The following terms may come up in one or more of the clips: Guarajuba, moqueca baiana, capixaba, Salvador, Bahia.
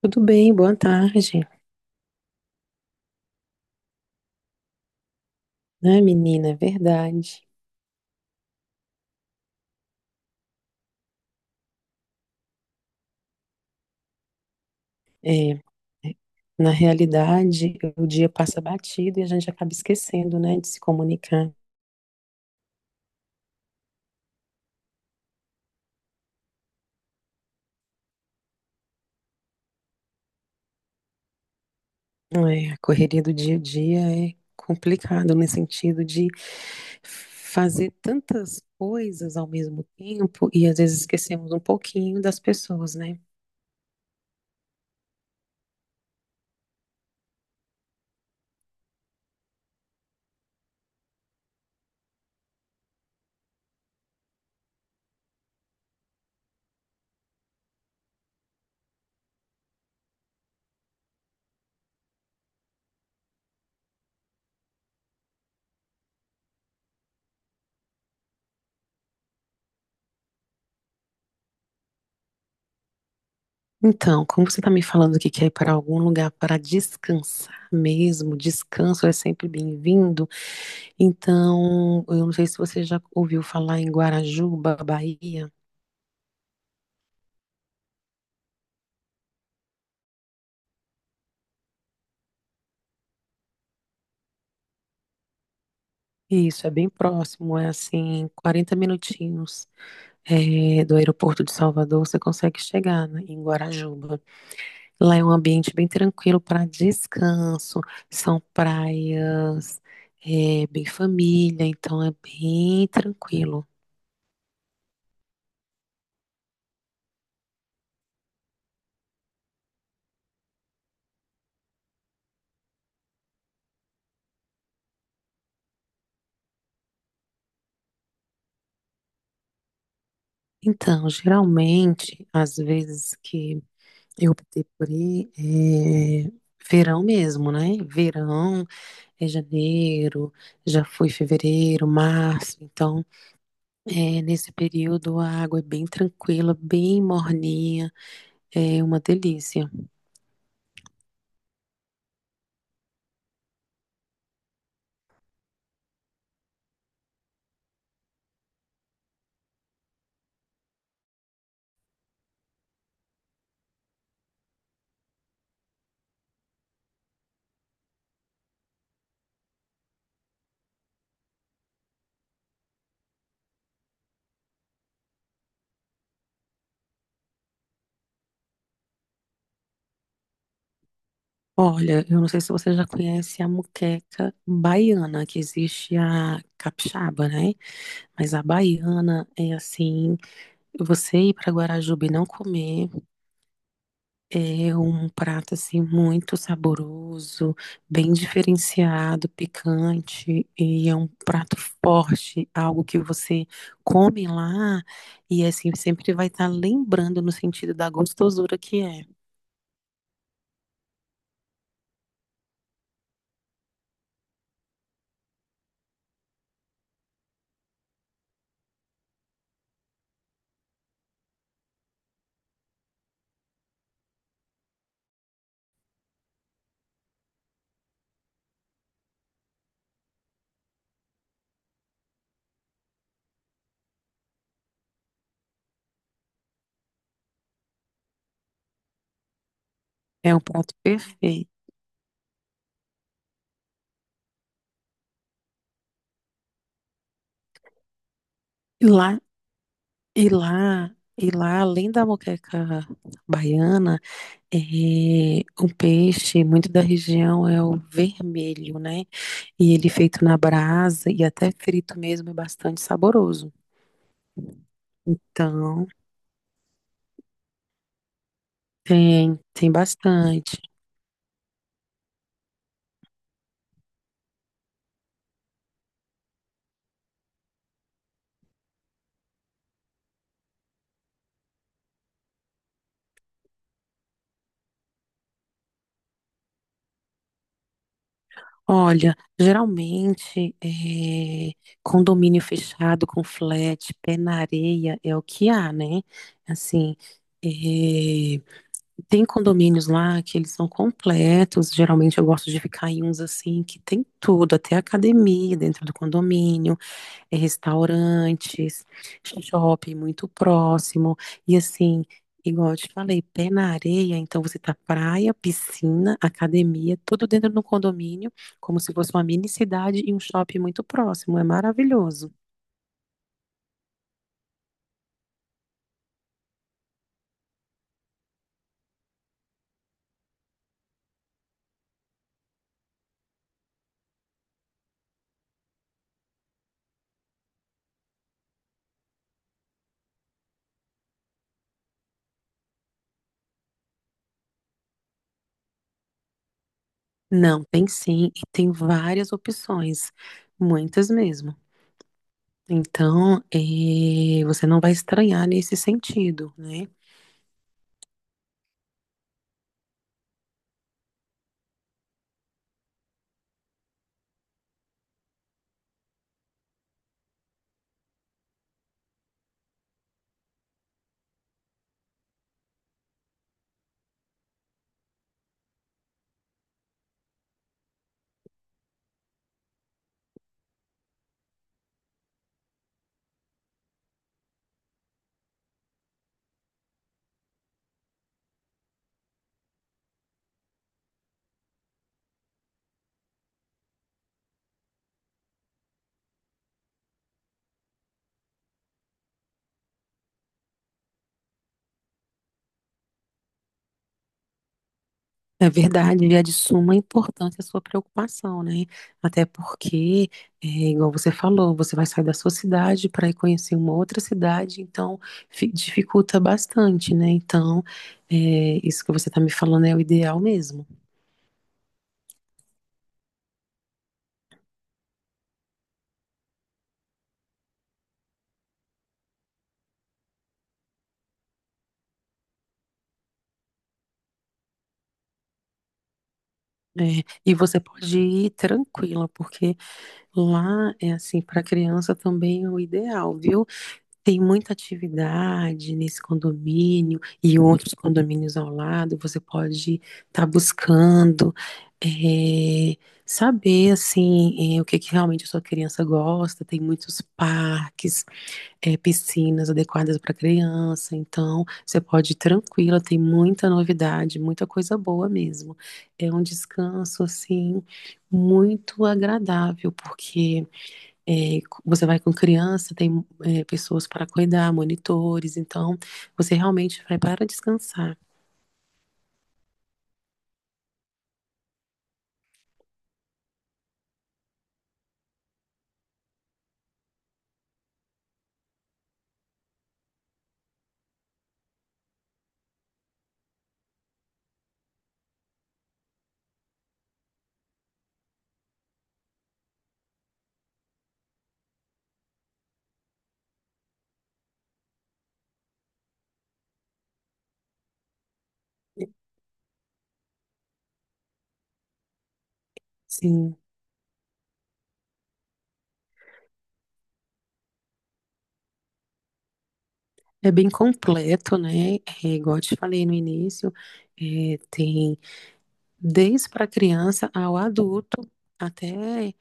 Tudo bem, boa tarde, né, menina? É verdade. É, é, Na realidade, o dia passa batido e a gente acaba esquecendo, né, de se comunicar. É, a correria do dia a dia é complicado no sentido de fazer tantas coisas ao mesmo tempo e às vezes esquecemos um pouquinho das pessoas, né? Então, como você está me falando que quer ir para algum lugar para descansar mesmo, descanso é sempre bem-vindo. Então, eu não sei se você já ouviu falar em Guarajuba, Bahia. Isso, é bem próximo, é assim, 40 minutinhos do aeroporto de Salvador, você consegue chegar, né, em Guarajuba. Lá é um ambiente bem tranquilo para descanso, são praias, é bem família, então é bem tranquilo. Então, geralmente, às vezes que eu optei por ir, é verão mesmo, né? Verão. É janeiro, já foi fevereiro, março. Então, é, nesse período a água é bem tranquila, bem morninha, é uma delícia. Olha, eu não sei se você já conhece a muqueca baiana, que existe a capixaba, né? Mas a baiana é assim, você ir para Guarajuba e não comer. É um prato assim muito saboroso, bem diferenciado, picante e é um prato forte, algo que você come lá e assim sempre vai estar lembrando no sentido da gostosura que é. É um prato perfeito. E lá e lá além da moqueca baiana, é um peixe muito da região é o vermelho, né? E ele feito na brasa e até frito mesmo é bastante saboroso. Então, tem bastante. Olha, geralmente é, condomínio fechado com flat, pé na areia é o que há, né? Assim, é, tem condomínios lá que eles são completos. Geralmente eu gosto de ficar em uns assim que tem tudo, até academia dentro do condomínio. É, restaurantes, shopping muito próximo. E assim, igual eu te falei, pé na areia, então você tá praia, piscina, academia, tudo dentro do condomínio, como se fosse uma mini cidade e um shopping muito próximo. É maravilhoso. Não, tem sim, e tem várias opções, muitas mesmo. Então, você não vai estranhar nesse sentido, né? É verdade, e é de suma importância a sua preocupação, né? Até porque, é, igual você falou, você vai sair da sua cidade para ir conhecer uma outra cidade, então dificulta bastante, né? Então, é, isso que você está me falando é o ideal mesmo. É, e você pode ir tranquila, porque lá é assim, para criança também é o ideal, viu? Tem muita atividade nesse condomínio e outros condomínios ao lado. Você pode estar buscando eh, saber assim o que, que realmente a sua criança gosta. Tem muitos parques, piscinas adequadas para criança. Então, você pode ir tranquila. Tem muita novidade, muita coisa boa mesmo. É um descanso assim muito agradável porque é, você vai com criança, tem é, pessoas para cuidar, monitores, então você realmente vai para descansar. Sim, é bem completo, né? É, igual eu te falei no início, é, tem desde para criança ao adulto, até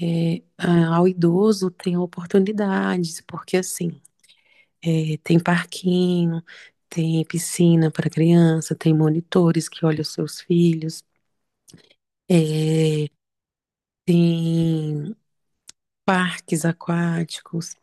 é, ao idoso tem oportunidades, porque assim, é, tem parquinho, tem piscina para criança, tem monitores que olham os seus filhos, é, tem parques aquáticos.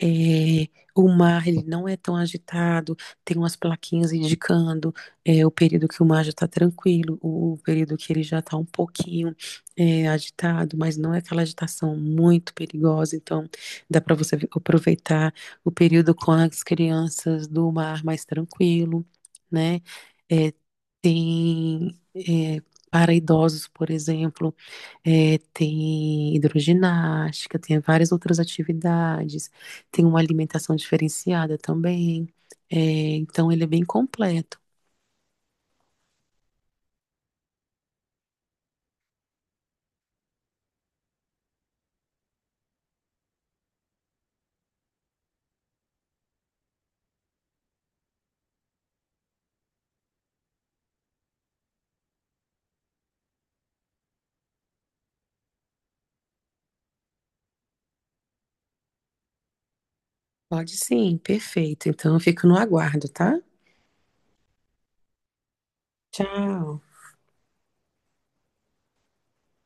É, o mar ele não é tão agitado, tem umas plaquinhas indicando é, o período que o mar já está tranquilo, o período que ele já está um pouquinho é, agitado, mas não é aquela agitação muito perigosa. Então, dá para você aproveitar o período com as crianças do mar mais tranquilo, né? É, tem é, para idosos, por exemplo, é, tem hidroginástica, tem várias outras atividades tem uma alimentação diferenciada também. É, então ele é bem completo. Pode sim, perfeito. Então eu fico no aguardo, tá? Tchau.